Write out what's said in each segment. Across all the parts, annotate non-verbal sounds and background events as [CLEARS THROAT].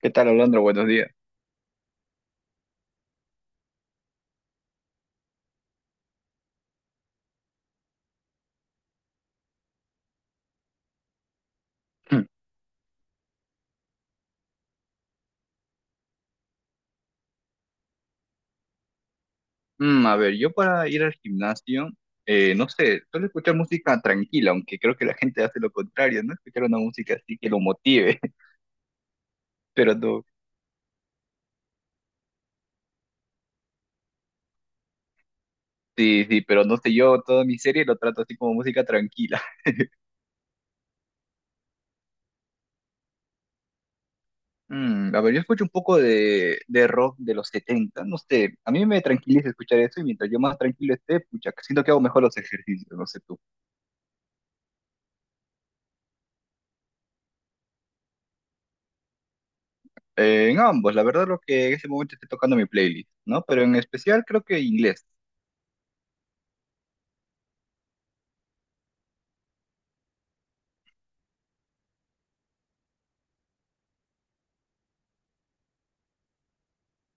¿Qué tal, Alondra? Buenos días. [CLEARS THROAT] Yo para ir al gimnasio, no sé, suelo escuchar música tranquila, aunque creo que la gente hace lo contrario, ¿no? Escuchar una música así que lo motive. [LAUGHS] Pero no, sí, sí, pero no sé, yo toda mi serie lo trato así como música tranquila. Yo escucho un poco de rock de los 70, no sé, a mí me tranquiliza escuchar eso, y mientras yo más tranquilo esté, pucha, siento que hago mejor los ejercicios, no sé tú. En ambos, la verdad lo que en ese momento esté tocando mi playlist, ¿no? Pero en especial creo que inglés.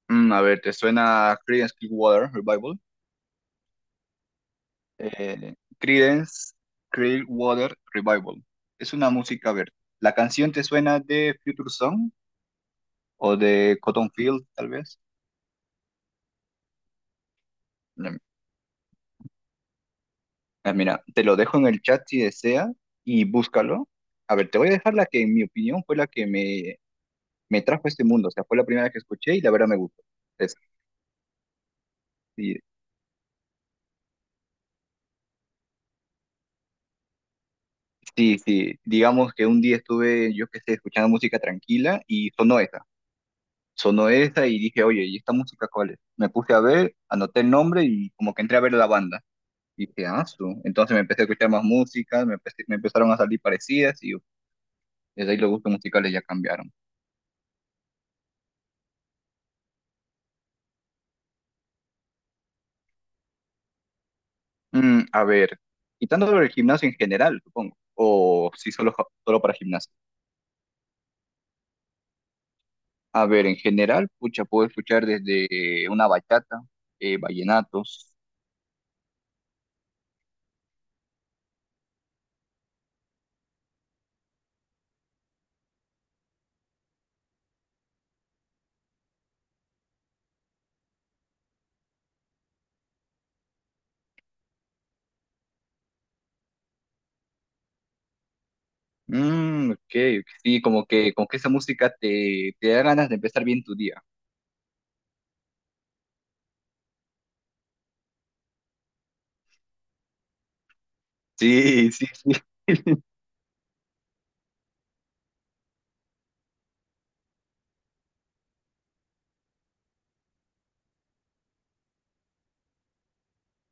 ¿Te suena Creedence Clearwater Revival? Creedence Clearwater Revival. Es una música, a ver, ¿la canción te suena de Future Song o de Cotton Field, tal vez? Mm, Mira, te lo dejo en el chat si desea, y búscalo. A ver, te voy a dejar la que, en mi opinión, fue la que me trajo a este mundo. O sea, fue la primera que escuché y la verdad me gustó. Es- sí, sí, sí. Digamos que un día estuve, yo qué sé, escuchando música tranquila y sonó esa. Sonó esa y dije, oye, ¿y esta música cuál es? Me puse a ver, anoté el nombre y como que entré a ver la banda. Y dije, ah, su. Entonces me empecé a escuchar más música, me empezaron a salir parecidas y desde ahí los gustos musicales ya cambiaron. Mm, a ver, Quitándolo del gimnasio en general, supongo. O si solo, solo para gimnasio. A ver, en general, pucha, puedo escuchar desde una bachata, vallenatos. Mm, ok, ok, sí, como que esa música te da ganas de empezar bien tu día. Sí, [LAUGHS] sí, sí.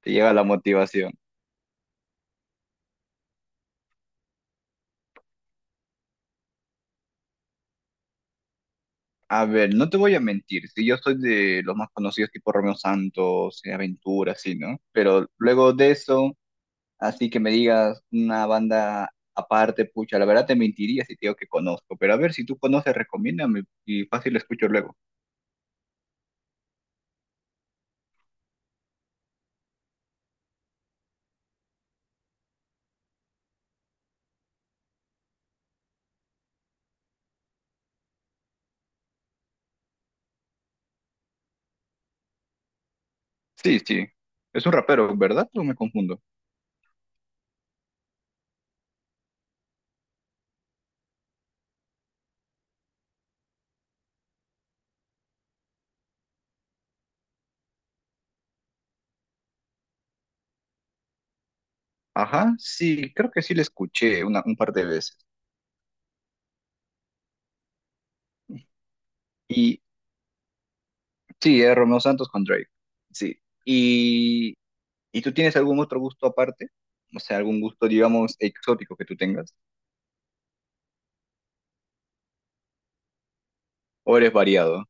Te llega la motivación. A ver, no te voy a mentir, si yo soy de los más conocidos tipo Romeo Santos, Aventura, así, ¿no? Pero luego de eso, así que me digas una banda aparte, pucha, la verdad te mentiría si te digo que conozco, pero a ver, si tú conoces, recomiéndame y fácil escucho luego. Sí, sí, es un rapero, ¿verdad? ¿O me confundo? Ajá, sí, creo que sí le escuché una, un par de veces. Y sí, es Romeo Santos con Drake, sí. ¿Y ¿Y tú tienes algún otro gusto aparte? O sea, algún gusto, digamos, exótico que tú tengas. ¿O eres variado?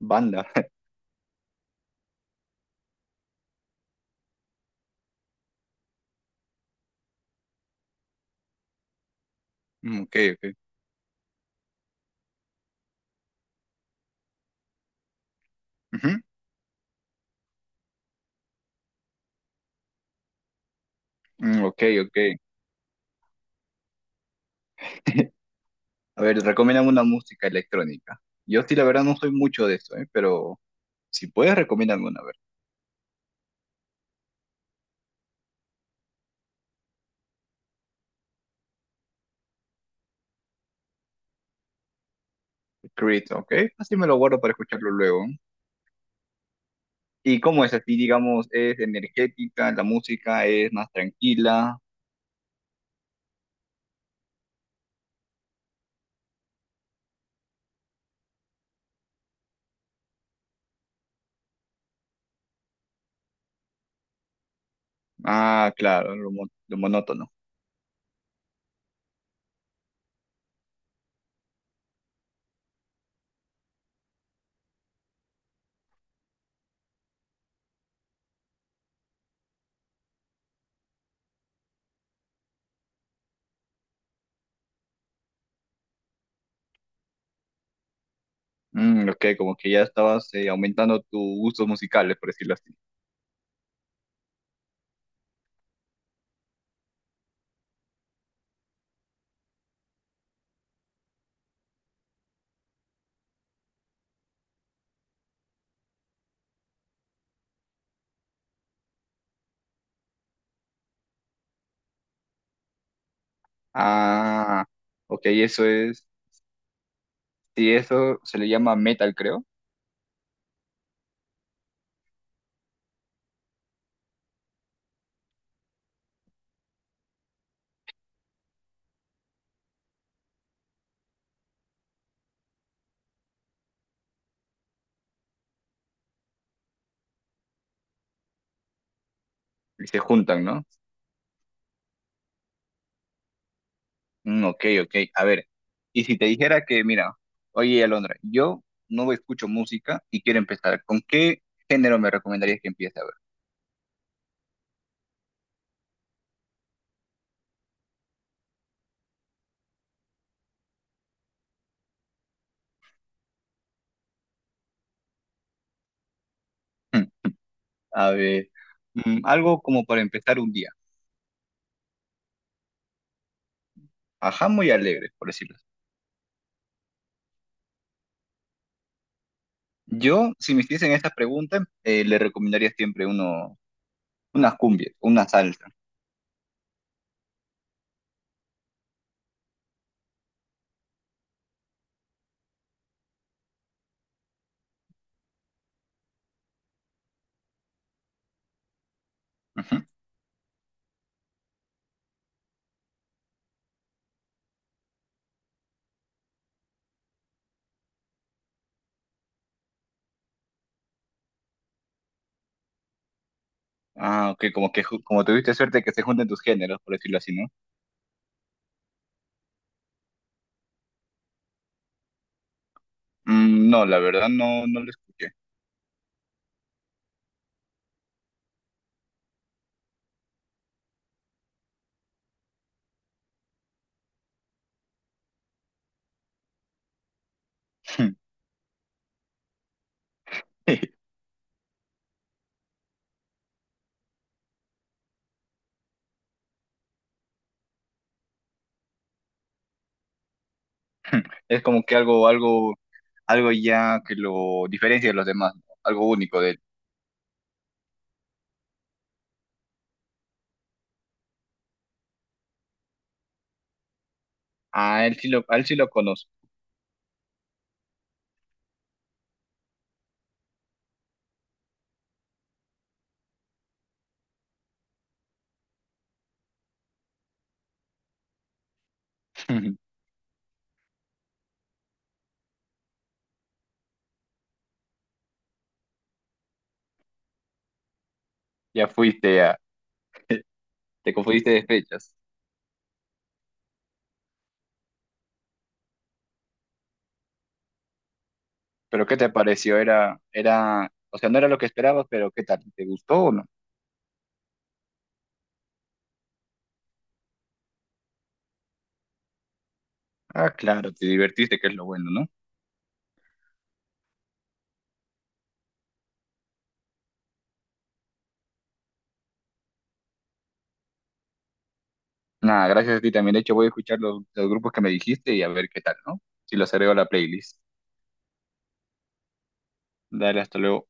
Banda. [LAUGHS] Mm, ok, ok. Ujú. Mm, ok, ok. [LAUGHS] A ver, recomiéndame una música electrónica. Yo sí, la verdad, no soy mucho de eso, ¿eh? Pero si puedes, recomiéndame una, a ver. Creed, ¿ok? Así me lo guardo para escucharlo luego. ¿Y cómo es así, digamos, es energética, la música es más tranquila? Ah, claro, lo monótono. Mm, ok, como que ya estabas aumentando tus gustos musicales, por decirlo así. Ah, ok, eso es. Sí, eso se le llama metal, creo. Y se juntan, ¿no? Mm, ok, ok. A ver, y si te dijera que, mira, oye, Alondra, yo no escucho música y quiero empezar, ¿con qué género me recomendarías que empiece? A ver. [LAUGHS] A ver, Algo como para empezar un día. Ajá, muy alegre, por decirlo así. Yo, si me hiciesen esta pregunta, le recomendaría siempre uno, unas cumbias, una salsa. Ujú. Ah, ok, como que como tuviste suerte que se junten tus géneros, por decirlo así, ¿no? Mm, no, la verdad no, no lo escuché. [LAUGHS] Es como que algo, algo, algo ya que lo diferencia de los demás, ¿no? Algo único de él. Ah, él sí lo, a él sí lo conozco. [LAUGHS] Ya fuiste, a, te confundiste de fechas. Pero ¿qué te pareció? Era, era, o sea, no era lo que esperabas, pero ¿qué tal? ¿Te gustó o no? Ah, claro, te divertiste, que es lo bueno, ¿no? Nada, gracias a ti también. De hecho, voy a escuchar los grupos que me dijiste y a ver qué tal, ¿no? Si los agrego a la playlist. Dale, hasta luego.